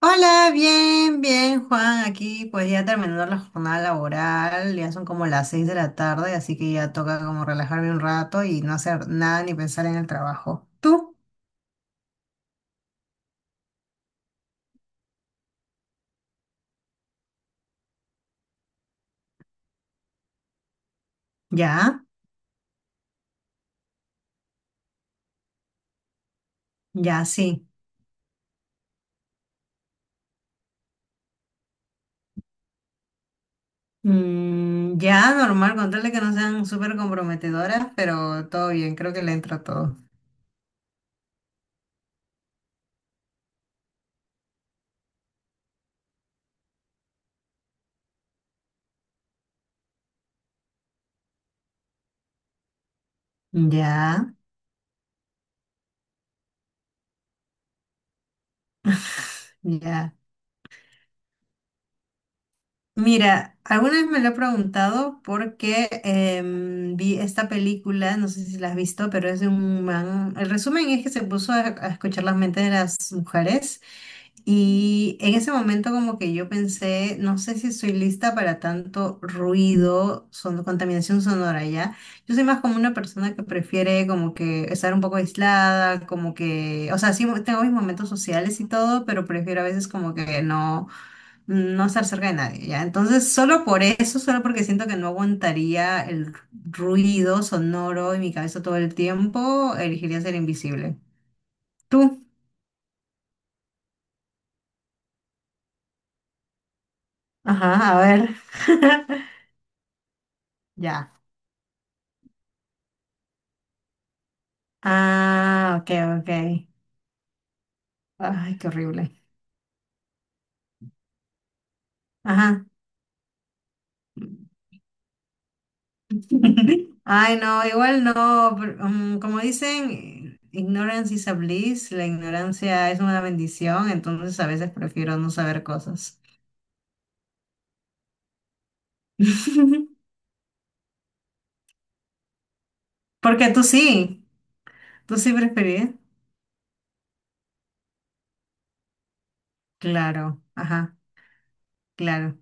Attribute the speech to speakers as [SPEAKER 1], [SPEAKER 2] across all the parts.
[SPEAKER 1] Hola, bien, bien, Juan. Aquí pues ya terminando la jornada laboral, ya son como las seis de la tarde, así que ya toca como relajarme un rato y no hacer nada ni pensar en el trabajo. ¿Tú? Ya, ya sí. Ya, normal, contarle que no sean súper comprometedoras, pero todo bien, creo que le entra todo. Ya, ya. Mira, alguna vez me lo he preguntado porque vi esta película, no sé si la has visto, pero es de un man. El resumen es que se puso a escuchar las mentes de las mujeres y en ese momento como que yo pensé, no sé si estoy lista para tanto ruido, son, contaminación sonora ya. Yo soy más como una persona que prefiere como que estar un poco aislada, como que, o sea, sí tengo mis momentos sociales y todo, pero prefiero a veces como que no estar cerca de nadie, ¿ya? Entonces, solo por eso, solo porque siento que no aguantaría el ruido sonoro en mi cabeza todo el tiempo, elegiría ser invisible. ¿Tú? Ajá, a ver. Ya. Ah, ok, ok. Ay, qué horrible. Ajá. Ay, no, igual no, pero, como dicen, ignorance is a bliss, la ignorancia es una bendición, entonces a veces prefiero no saber cosas. Porque tú sí. ¿Tú sí preferís? Claro, ajá, claro.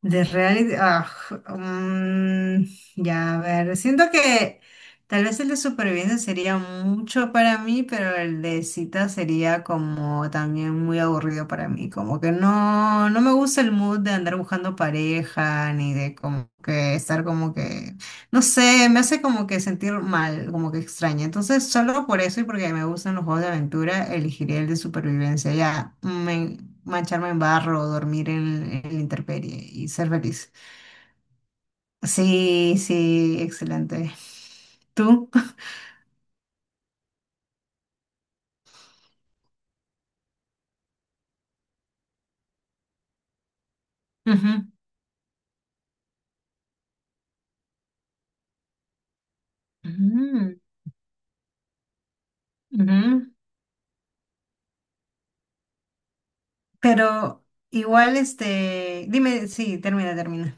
[SPEAKER 1] De reality, mm, ya, a ver, siento que tal vez el de supervivencia sería mucho para mí, pero el de cita sería como también muy aburrido para mí, como que no, no me gusta el mood de andar buscando pareja, ni de como que estar como que no sé, me hace como que sentir mal, como que extraña. Entonces, solo por eso y porque me gustan los juegos de aventura, elegiría el de supervivencia. Ya, mancharme en barro, dormir en la intemperie y ser feliz. Sí, sí, excelente. ¿Tú? Ujú, ujú, ujú. Pero igual, este, dime, sí, termina, termina.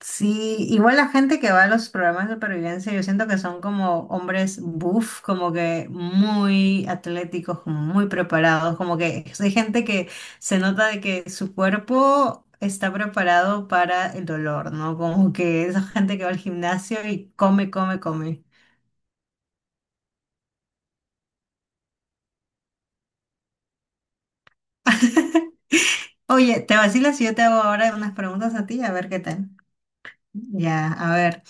[SPEAKER 1] Sí, igual la gente que va a los programas de supervivencia, yo siento que son como hombres buff, como que muy atléticos, como muy preparados, como que hay gente que se nota de que su cuerpo está preparado para el dolor, ¿no? Como que esa gente que va al gimnasio y come, come, come. Oye, te vacilas si yo te hago ahora unas preguntas a ti, a ver qué tal. Ya, a ver.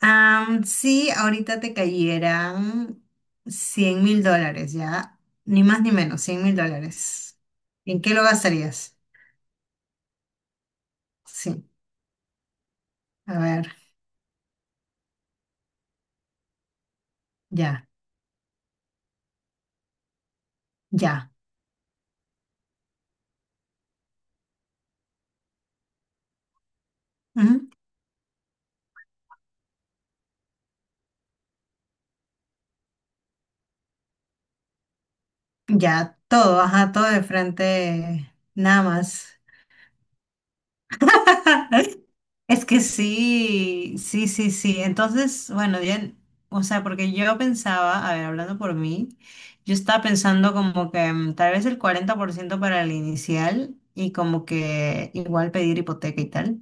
[SPEAKER 1] Si ahorita te cayeran 100.000 dólares, ¿ya? Ni más ni menos, 100.000 dólares. ¿En qué lo gastarías? Sí, a ver, ya, ya. Ujú. Ya, todo, ajá, todo de frente, nada más. Es que sí, sí, sí, sí. Entonces, bueno, ya, o sea, porque yo pensaba, a ver, hablando por mí, yo estaba pensando como que tal vez el 40% para el inicial y como que igual pedir hipoteca y tal.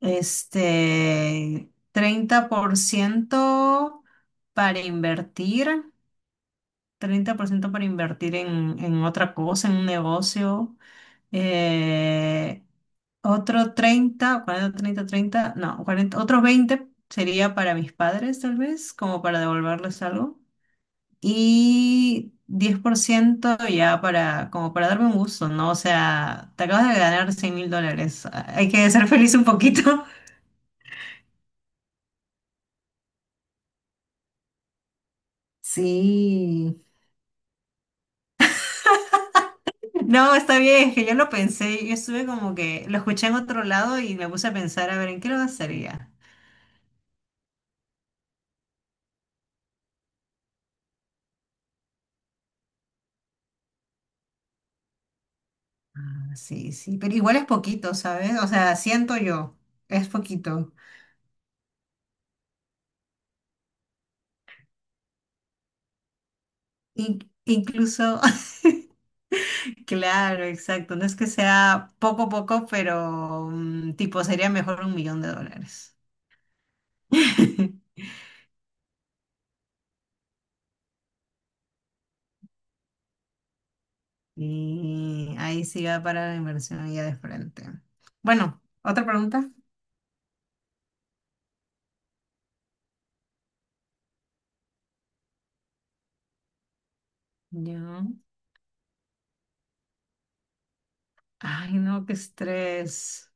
[SPEAKER 1] Este, 30% para invertir, 30% para invertir en otra cosa, en un negocio. Eh, otro 30, 40 30 30 no, 40 otros 20 sería para mis padres tal vez, como para devolverles algo. Y 10% ya para, como para darme un gusto, ¿no? O sea, te acabas de ganar 100 mil dólares, hay que ser feliz un poquito. Sí. No, está bien, es que yo lo pensé, yo estuve como que lo escuché en otro lado y me puse a pensar, a ver, ¿en qué lo gastaría? Ah, sí, sí, pero igual es poquito, ¿sabes? O sea, siento yo, es poquito. Incluso, claro, exacto. No es que sea poco a poco, pero tipo sería mejor 1 millón de dólares. Y ahí sí va para la inversión ya de frente. Bueno, otra pregunta. Ya. Ay, no, qué estrés.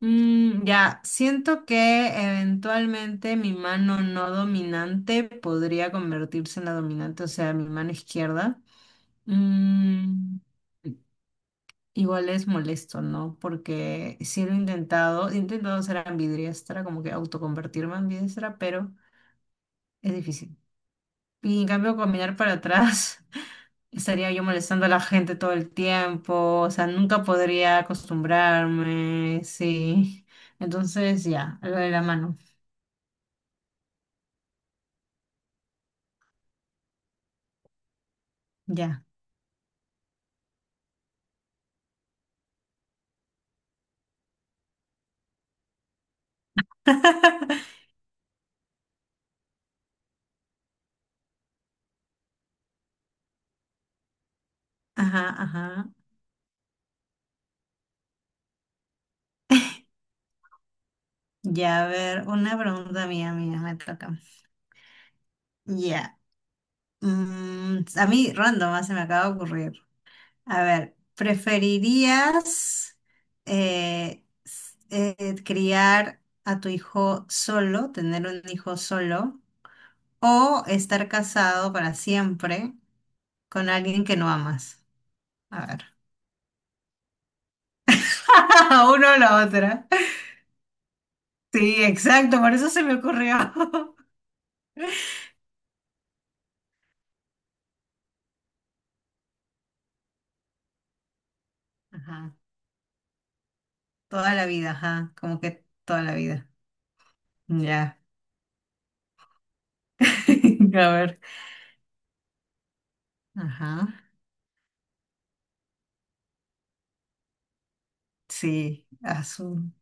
[SPEAKER 1] Ya, siento que eventualmente mi mano no dominante podría convertirse en la dominante, o sea, mi mano izquierda. Mm, Igual es molesto, ¿no? Porque sí lo he intentado ser ambidiestra, como que autoconvertirme en ambidiestra, pero es difícil. Y en cambio, caminar para atrás, estaría yo molestando a la gente todo el tiempo, o sea, nunca podría acostumbrarme, sí. Entonces, ya, lo de la mano, ya. Ajá, ajá. Ya, a ver, una pregunta mía, mía, me toca. Ya. A mí, random, se me acaba de ocurrir. A ver, ¿preferirías criar a tu hijo solo, tener un hijo solo, o estar casado para siempre con alguien que no amas? A ver, uno o la otra. Sí, exacto, por eso se me ocurrió. Ajá, toda la vida, ajá, como que toda la vida. Ya, a ver. Ajá, sí, azul.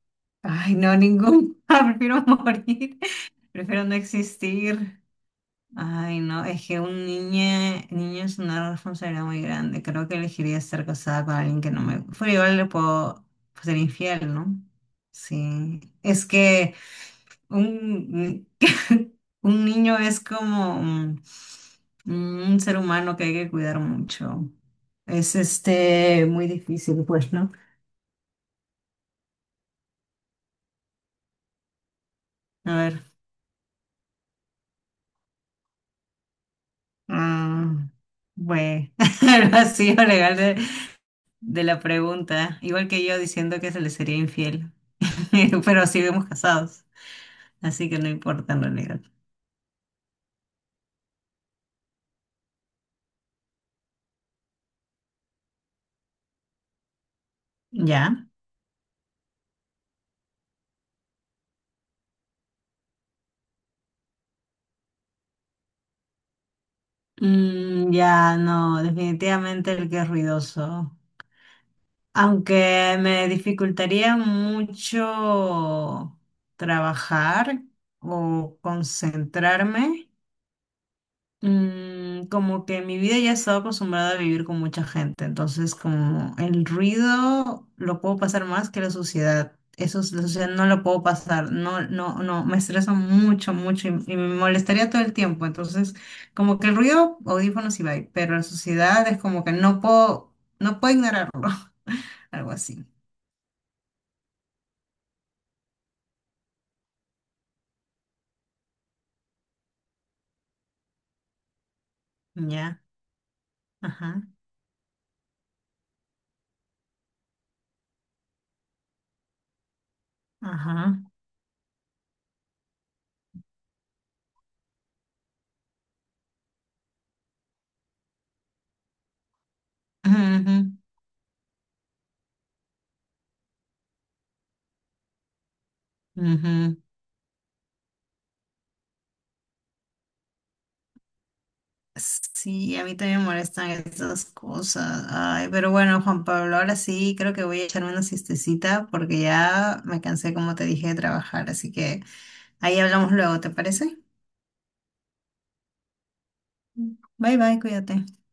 [SPEAKER 1] Ay, no, ningún. Prefiero morir. Prefiero no existir. Ay, no, es que un niño, niño es una responsabilidad muy grande. Creo que elegiría estar casada con alguien que no me... Pero igual le puedo pues, ser infiel, ¿no? Sí. Es que un, un niño es como un ser humano que hay que cuidar mucho. Es este muy difícil, pues, ¿no? A ver. mm, bueno, el vacío legal de la pregunta, igual que yo diciendo que se le sería infiel, pero seguimos casados, así que no importa en realidad. ¿Ya? Ya, no, definitivamente el que es ruidoso. Aunque me dificultaría mucho trabajar o concentrarme. Como que en mi vida ya he estado acostumbrada a vivir con mucha gente, entonces como el ruido lo puedo pasar más que la suciedad. Eso, la suciedad no lo puedo pasar, no, no, no, me estresa mucho, mucho y me molestaría todo el tiempo. Entonces, como que el ruido, audífonos y bye, pero la suciedad es como que no puedo, no puedo ignorarlo, algo así. Ya, ajá, ajá. Ujú, ujú. Sí, a mí también me molestan esas cosas. Ay, pero bueno, Juan Pablo, ahora sí creo que voy a echarme una siestecita porque ya me cansé, como te dije, de trabajar. Así que ahí hablamos luego, ¿te parece? Bye bye, cuídate.